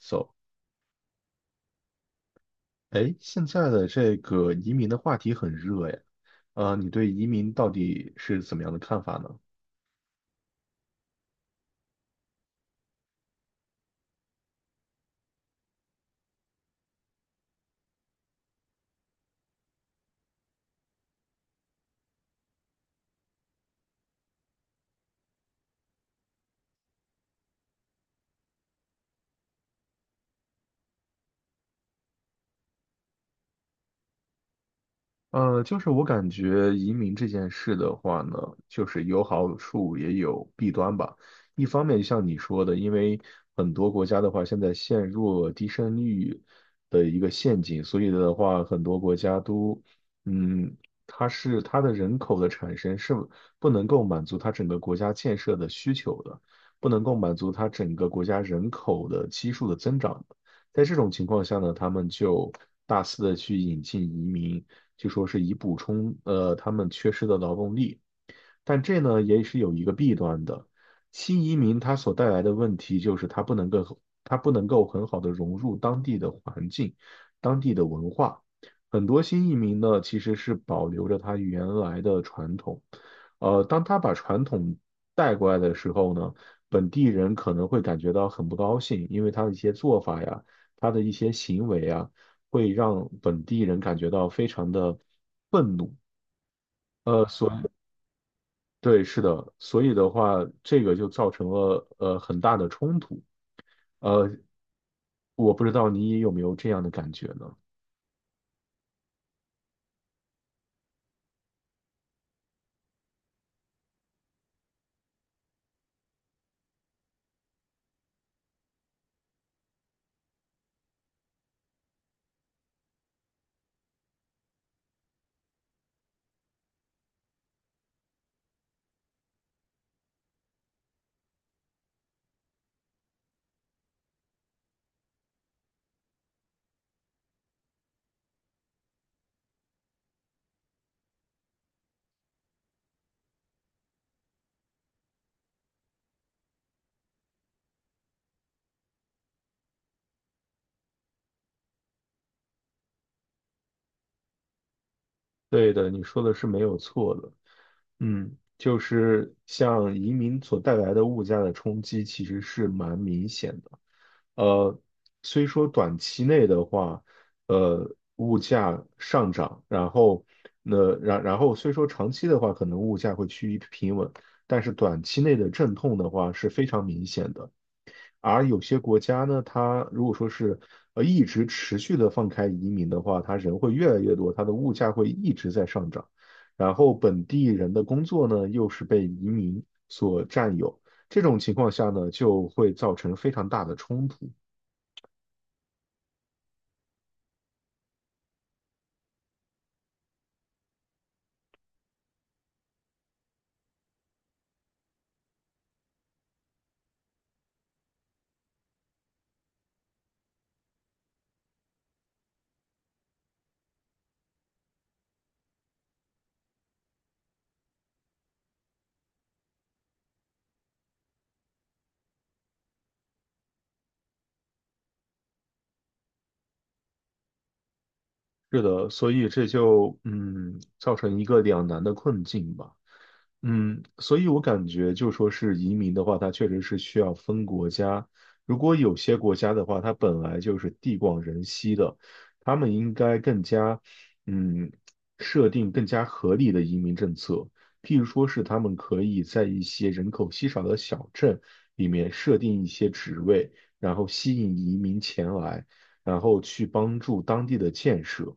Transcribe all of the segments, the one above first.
So，哎，现在的这个移民的话题很热呀，你对移民到底是怎么样的看法呢？就是我感觉移民这件事的话呢，就是有好处也有弊端吧。一方面，像你说的，因为很多国家的话，现在陷入了低生育的一个陷阱，所以的话，很多国家都，嗯，它是它的人口的产生是不能够满足它整个国家建设的需求的，不能够满足它整个国家人口的基数的增长的，在这种情况下呢，他们就大肆的去引进移民。就说是以补充他们缺失的劳动力。但这呢也是有一个弊端的，新移民他所带来的问题就是他不能够很好的融入当地的环境、当地的文化。很多新移民呢其实是保留着他原来的传统，当他把传统带过来的时候呢，本地人可能会感觉到很不高兴，因为他的一些做法呀，他的一些行为啊。会让本地人感觉到非常的愤怒。对，是的，所以的话，这个就造成了很大的冲突。呃，我不知道你有没有这样的感觉呢？对的，你说的是没有错的。嗯，就是像移民所带来的物价的冲击，其实是蛮明显的。呃，虽说短期内的话，物价上涨，然后虽说长期的话，可能物价会趋于平稳，但是短期内的阵痛的话是非常明显的。而有些国家呢，它如果说是一直持续的放开移民的话，它人会越来越多，它的物价会一直在上涨，然后本地人的工作呢又是被移民所占有，这种情况下呢就会造成非常大的冲突。是的，所以这就造成一个两难的困境吧。嗯，所以我感觉就说是移民的话，它确实是需要分国家。如果有些国家的话，它本来就是地广人稀的，他们应该更加，嗯，设定更加合理的移民政策。譬如说是他们可以在一些人口稀少的小镇里面设定一些职位，然后吸引移民前来，然后去帮助当地的建设。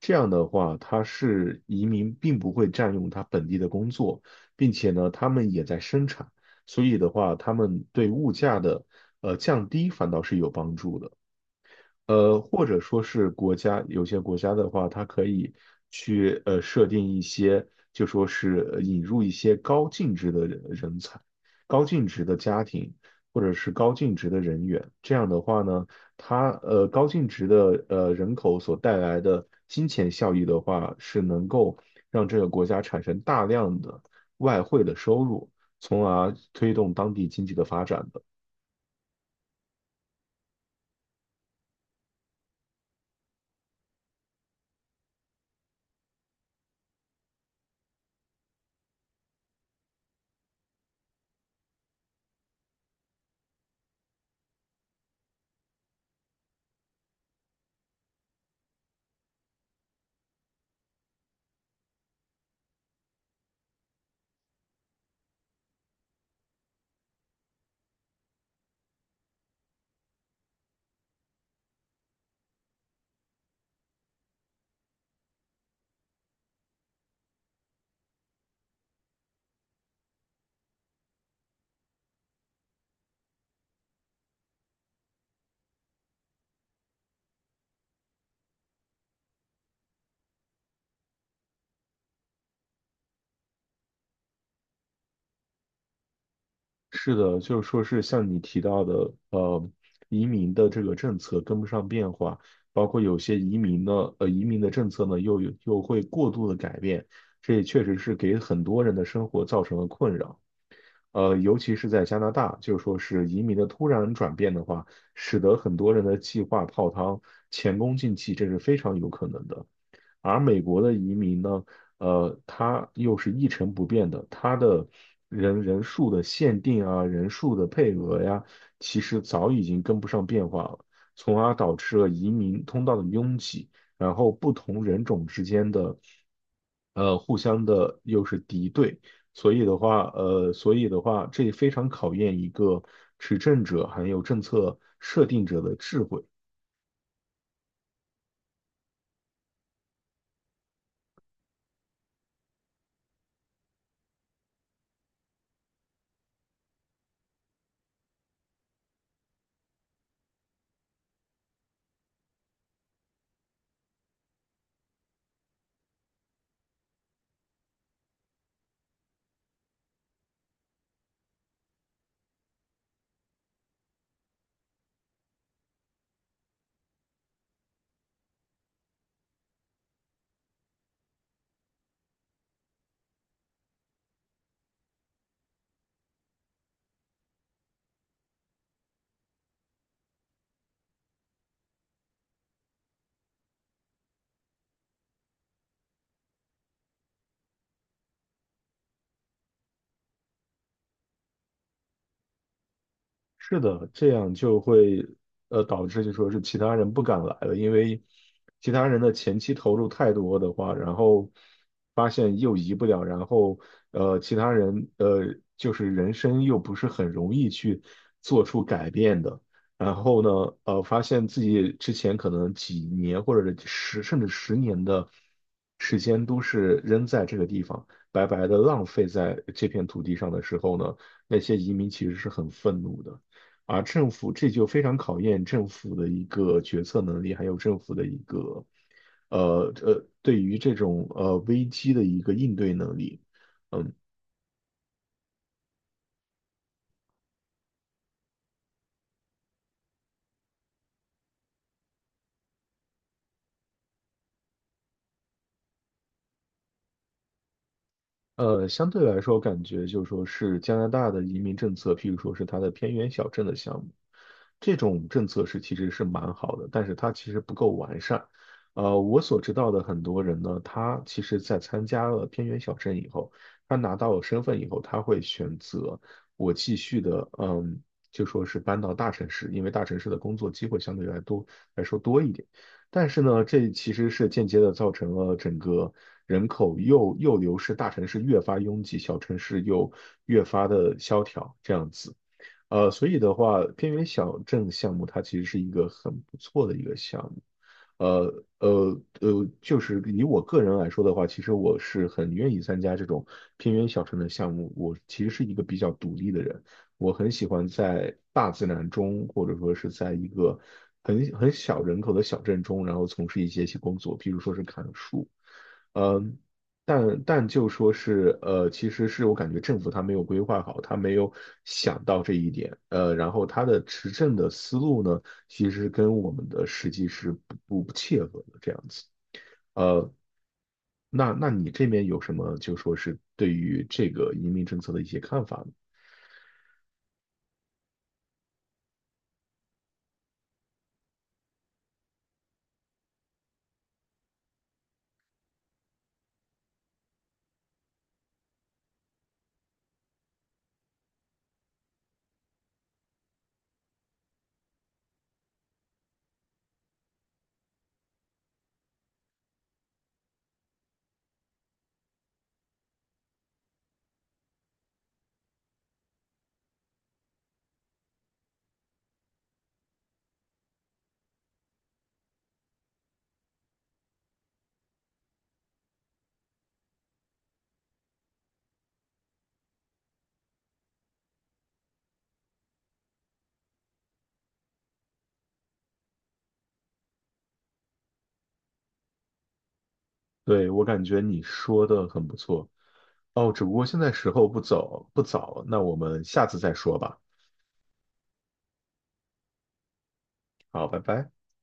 这样的话，它是移民并不会占用他本地的工作。并且呢，他们也在生产，所以的话，他们对物价的降低反倒是有帮助的。或者说是国家，有些国家的话，它可以去设定一些，就说是引入一些高净值的人才、高净值的家庭或者是高净值的人员。这样的话呢，它高净值的人口所带来的金钱效益的话，是能够让这个国家产生大量的外汇的收入，从而推动当地经济的发展的。是的，就是说是像你提到的，移民的这个政策跟不上变化，包括有些移民呢，移民的政策呢又会过度的改变，这也确实是给很多人的生活造成了困扰。尤其是在加拿大，就是说是移民的突然转变的话，使得很多人的计划泡汤，前功尽弃，这是非常有可能的。而美国的移民呢，它又是一成不变的，它的人数的限定啊，人数的配额呀，其实早已经跟不上变化了，从而导致了移民通道的拥挤，然后不同人种之间的，互相的又是敌对，所以的话，这非常考验一个执政者还有政策设定者的智慧。是的，这样就会导致就说是其他人不敢来了，因为其他人的前期投入太多的话，然后发现又移不了，然后其他人就是人生又不是很容易去做出改变的，然后呢发现自己之前可能几年或者十甚至十年的时间都是扔在这个地方，白白的浪费在这片土地上的时候呢，那些移民其实是很愤怒的。而政府这就非常考验政府的一个决策能力，还有政府的一个对于这种危机的一个应对能力。嗯。相对来说，感觉就是说是加拿大的移民政策，譬如说是它的偏远小镇的项目，这种政策是其实是蛮好的，但是它其实不够完善。我所知道的很多人呢，他其实在参加了偏远小镇以后，他拿到了身份以后，他会选择我继续的，就说是搬到大城市，因为大城市的工作机会相对来说多一点。但是呢，这其实是间接的造成了整个人口又流失，大城市越发拥挤，小城市又越发的萧条，这样子。所以的话，偏远小镇项目它其实是一个很不错的一个项目。就是以我个人来说的话，其实我是很愿意参加这种偏远小城的项目。我其实是一个比较独立的人，我很喜欢在大自然中，或者说是在一个很小人口的小镇中，然后从事一些工作，比如说是砍树。呃但就说是，其实是我感觉政府他没有规划好，他没有想到这一点，然后他的执政的思路呢，其实跟我们的实际是不切合的这样子，呃，那你这边有什么就说是对于这个移民政策的一些看法吗？对，我感觉你说的很不错，哦，只不过现在时候不早，那我们下次再说吧，好，拜拜。